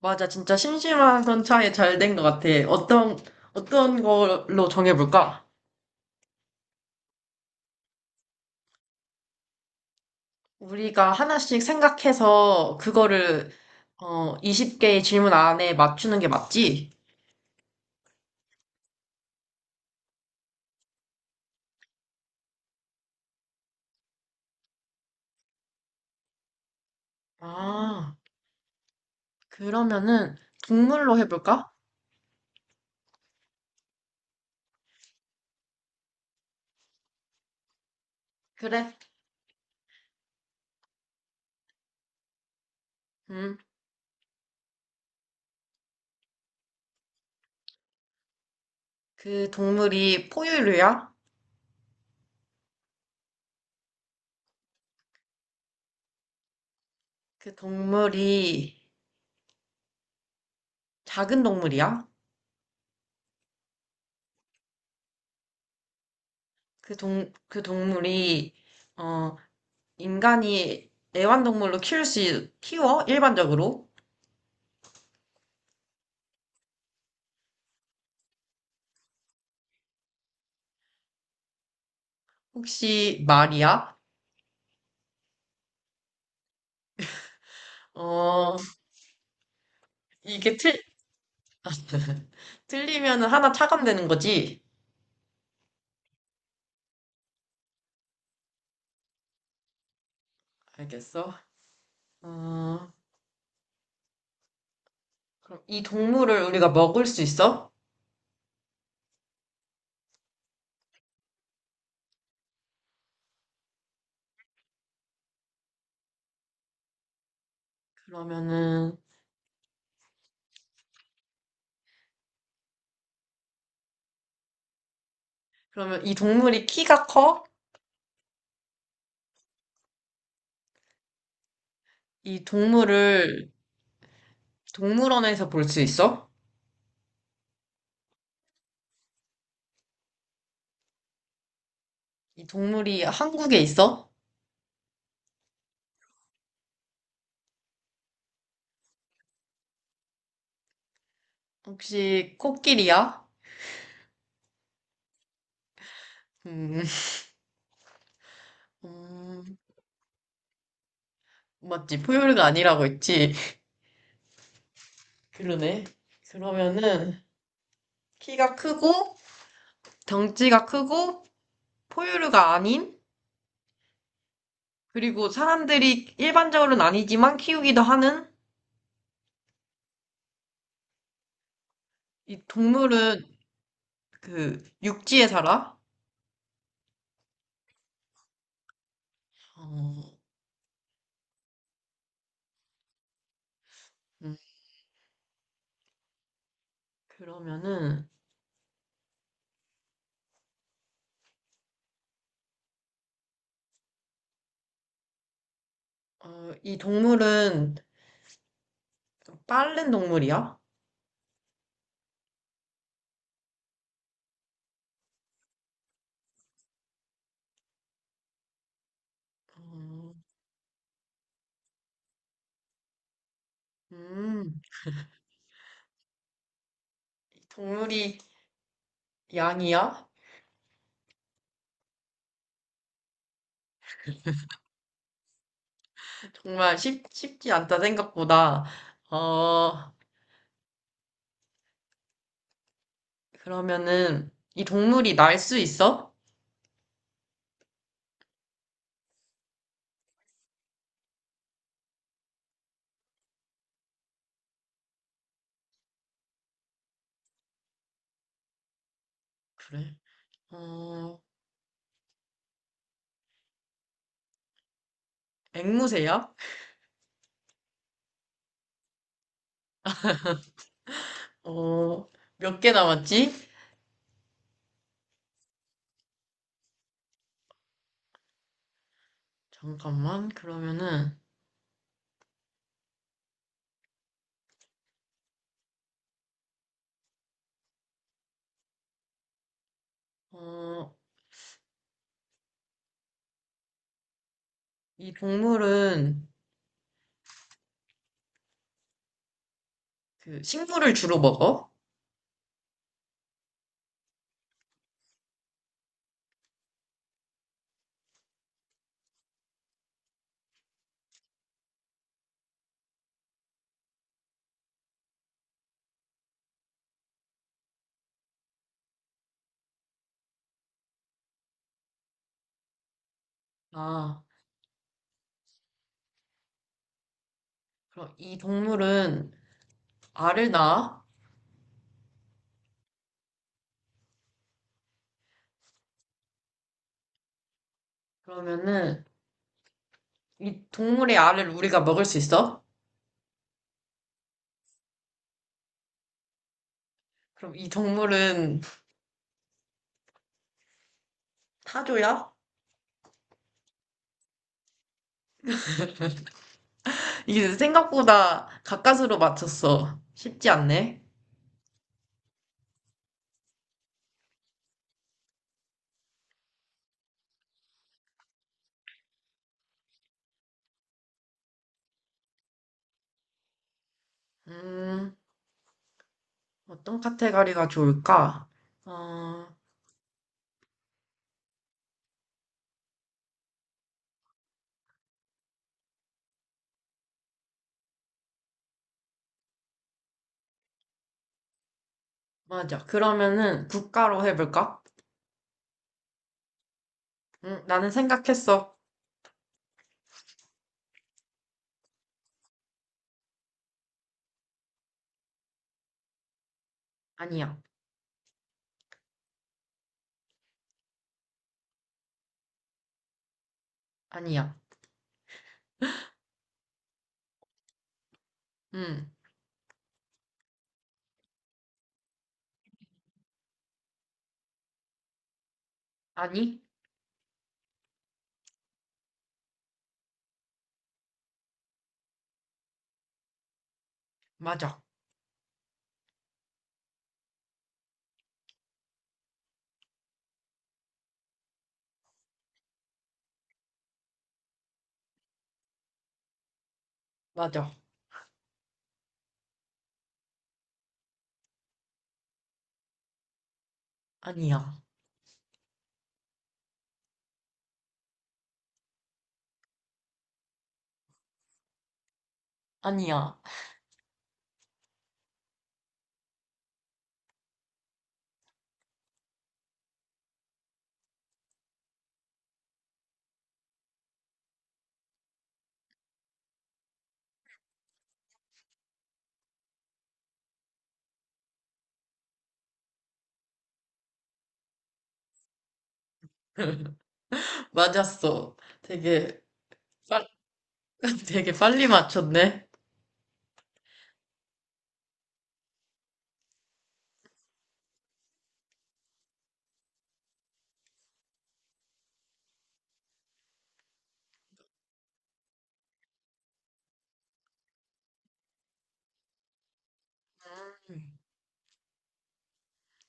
맞아. 진짜 심심한 선차에 잘 된 것 같아. 어떤 걸로 정해볼까? 우리가 하나씩 생각해서 그거를 20개의 질문 안에 맞추는 게 맞지? 아, 그러면은 동물로 해볼까? 그래. 음, 그 동물이 포유류야? 그 동물이 작은 동물이야? 그 동물이, 어, 인간이 애완동물로 키워? 일반적으로? 혹시 말이야? 어, 이게 틀, 틀리면 하나 차감되는 거지? 알겠어. 어, 그럼 이 동물을 우리가 먹을 수 있어? 그러면은, 그러면 이 동물이 키가 커? 이 동물을 동물원에서 볼 수 있어? 이 동물이 한국에 있어? 혹시 코끼리야? 음, 음, 맞지. 포유류가 아니라고 했지. 그러네. 그러면은, 키가 크고, 덩치가 크고, 포유류가 아닌 그리고 사람들이 일반적으로는 아니지만 키우기도 하는 이 동물은 그 육지에 살아. 어, 음, 그러면은 어, 이 동물은 좀 빠른 동물이야? 어, 음, 이 동물이 양이야? 정말 쉽지 않다 생각보다. 어, 그러면은 이 동물이 날 수 있어? 그래. 어, 앵무새야? 어, 몇 개 남았지? 잠깐만. 그러면은 어, 이 동물은 그 식물을 주로 먹어? 아, 그럼 이 동물은 알을 낳아? 그러면은 이 동물의 알을 우리가 먹을 수 있어? 그럼 이 동물은 타조야? 이게 생각보다 가까스로 맞췄어. 쉽지 않네. 음, 어떤 카테고리가 좋을까? 어, 맞아. 그러면은 국가로 해볼까? 나는 생각했어. 아니야. 아니야. 음. 아니, 맞아. 맞아. 아니야. 아니야. 맞았어. 되게, 빨, 되게 빨리 맞췄네. 음,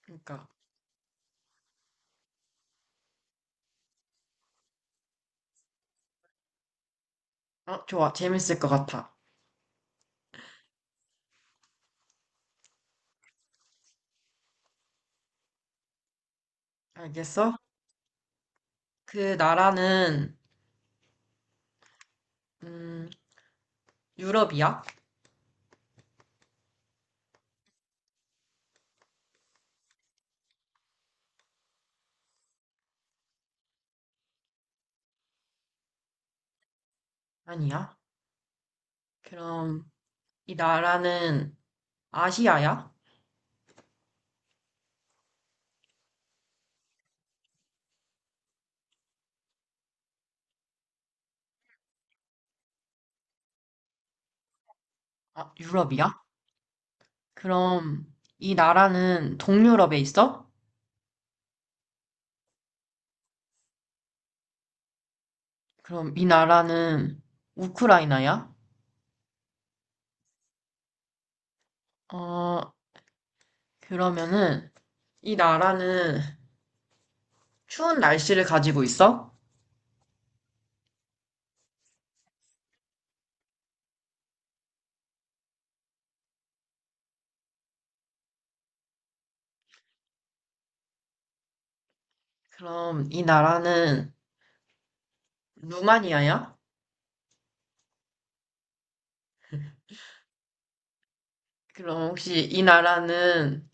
그러니까. 어, 좋아. 재밌을 것 같아. 알겠어? 그 나라는, 음, 유럽이야? 아니야. 그럼, 이 나라는 아시아야? 아, 유럽이야? 그럼, 이 나라는 동유럽에 있어? 그럼 이 나라는 우크라이나야? 어, 그러면은, 이 나라는 추운 날씨를 가지고 있어? 그럼 이 나라는 루마니아야? 그럼 혹시 이 나라는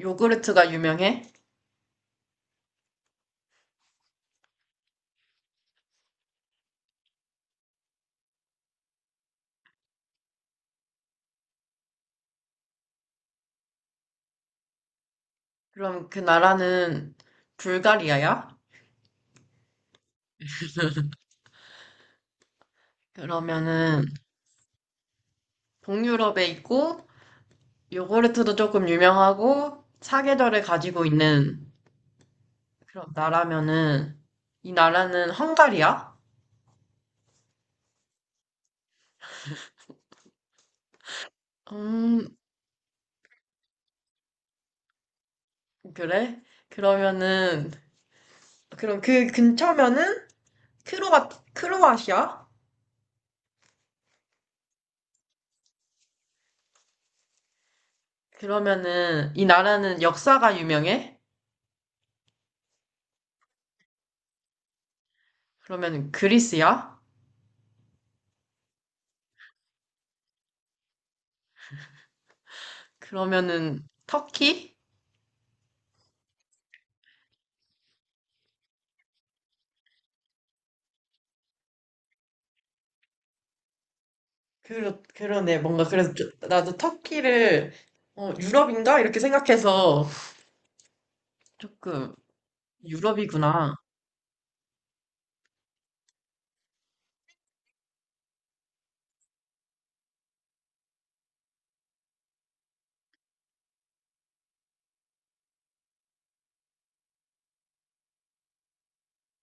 요구르트가 유명해? 그럼 그 나라는 불가리아야? 그러면은 동유럽에 있고 요구르트도 조금 유명하고 사계절을 가지고 있는 그런 나라면은 이 나라는 헝가리야? 음, 그래? 그러면은 그럼 그 근처면은 크로아 크로아시아? 그러면은 이 나라는 역사가 유명해? 그러면 그리스야? 그러면은 터키? 그러네. 뭔가 그래서 좀- 나도 터키를 어, 유럽인가? 이렇게 생각해서 조금 유럽이구나.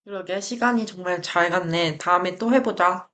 그러게 시간이 정말 잘 갔네. 다음에 또 해보자.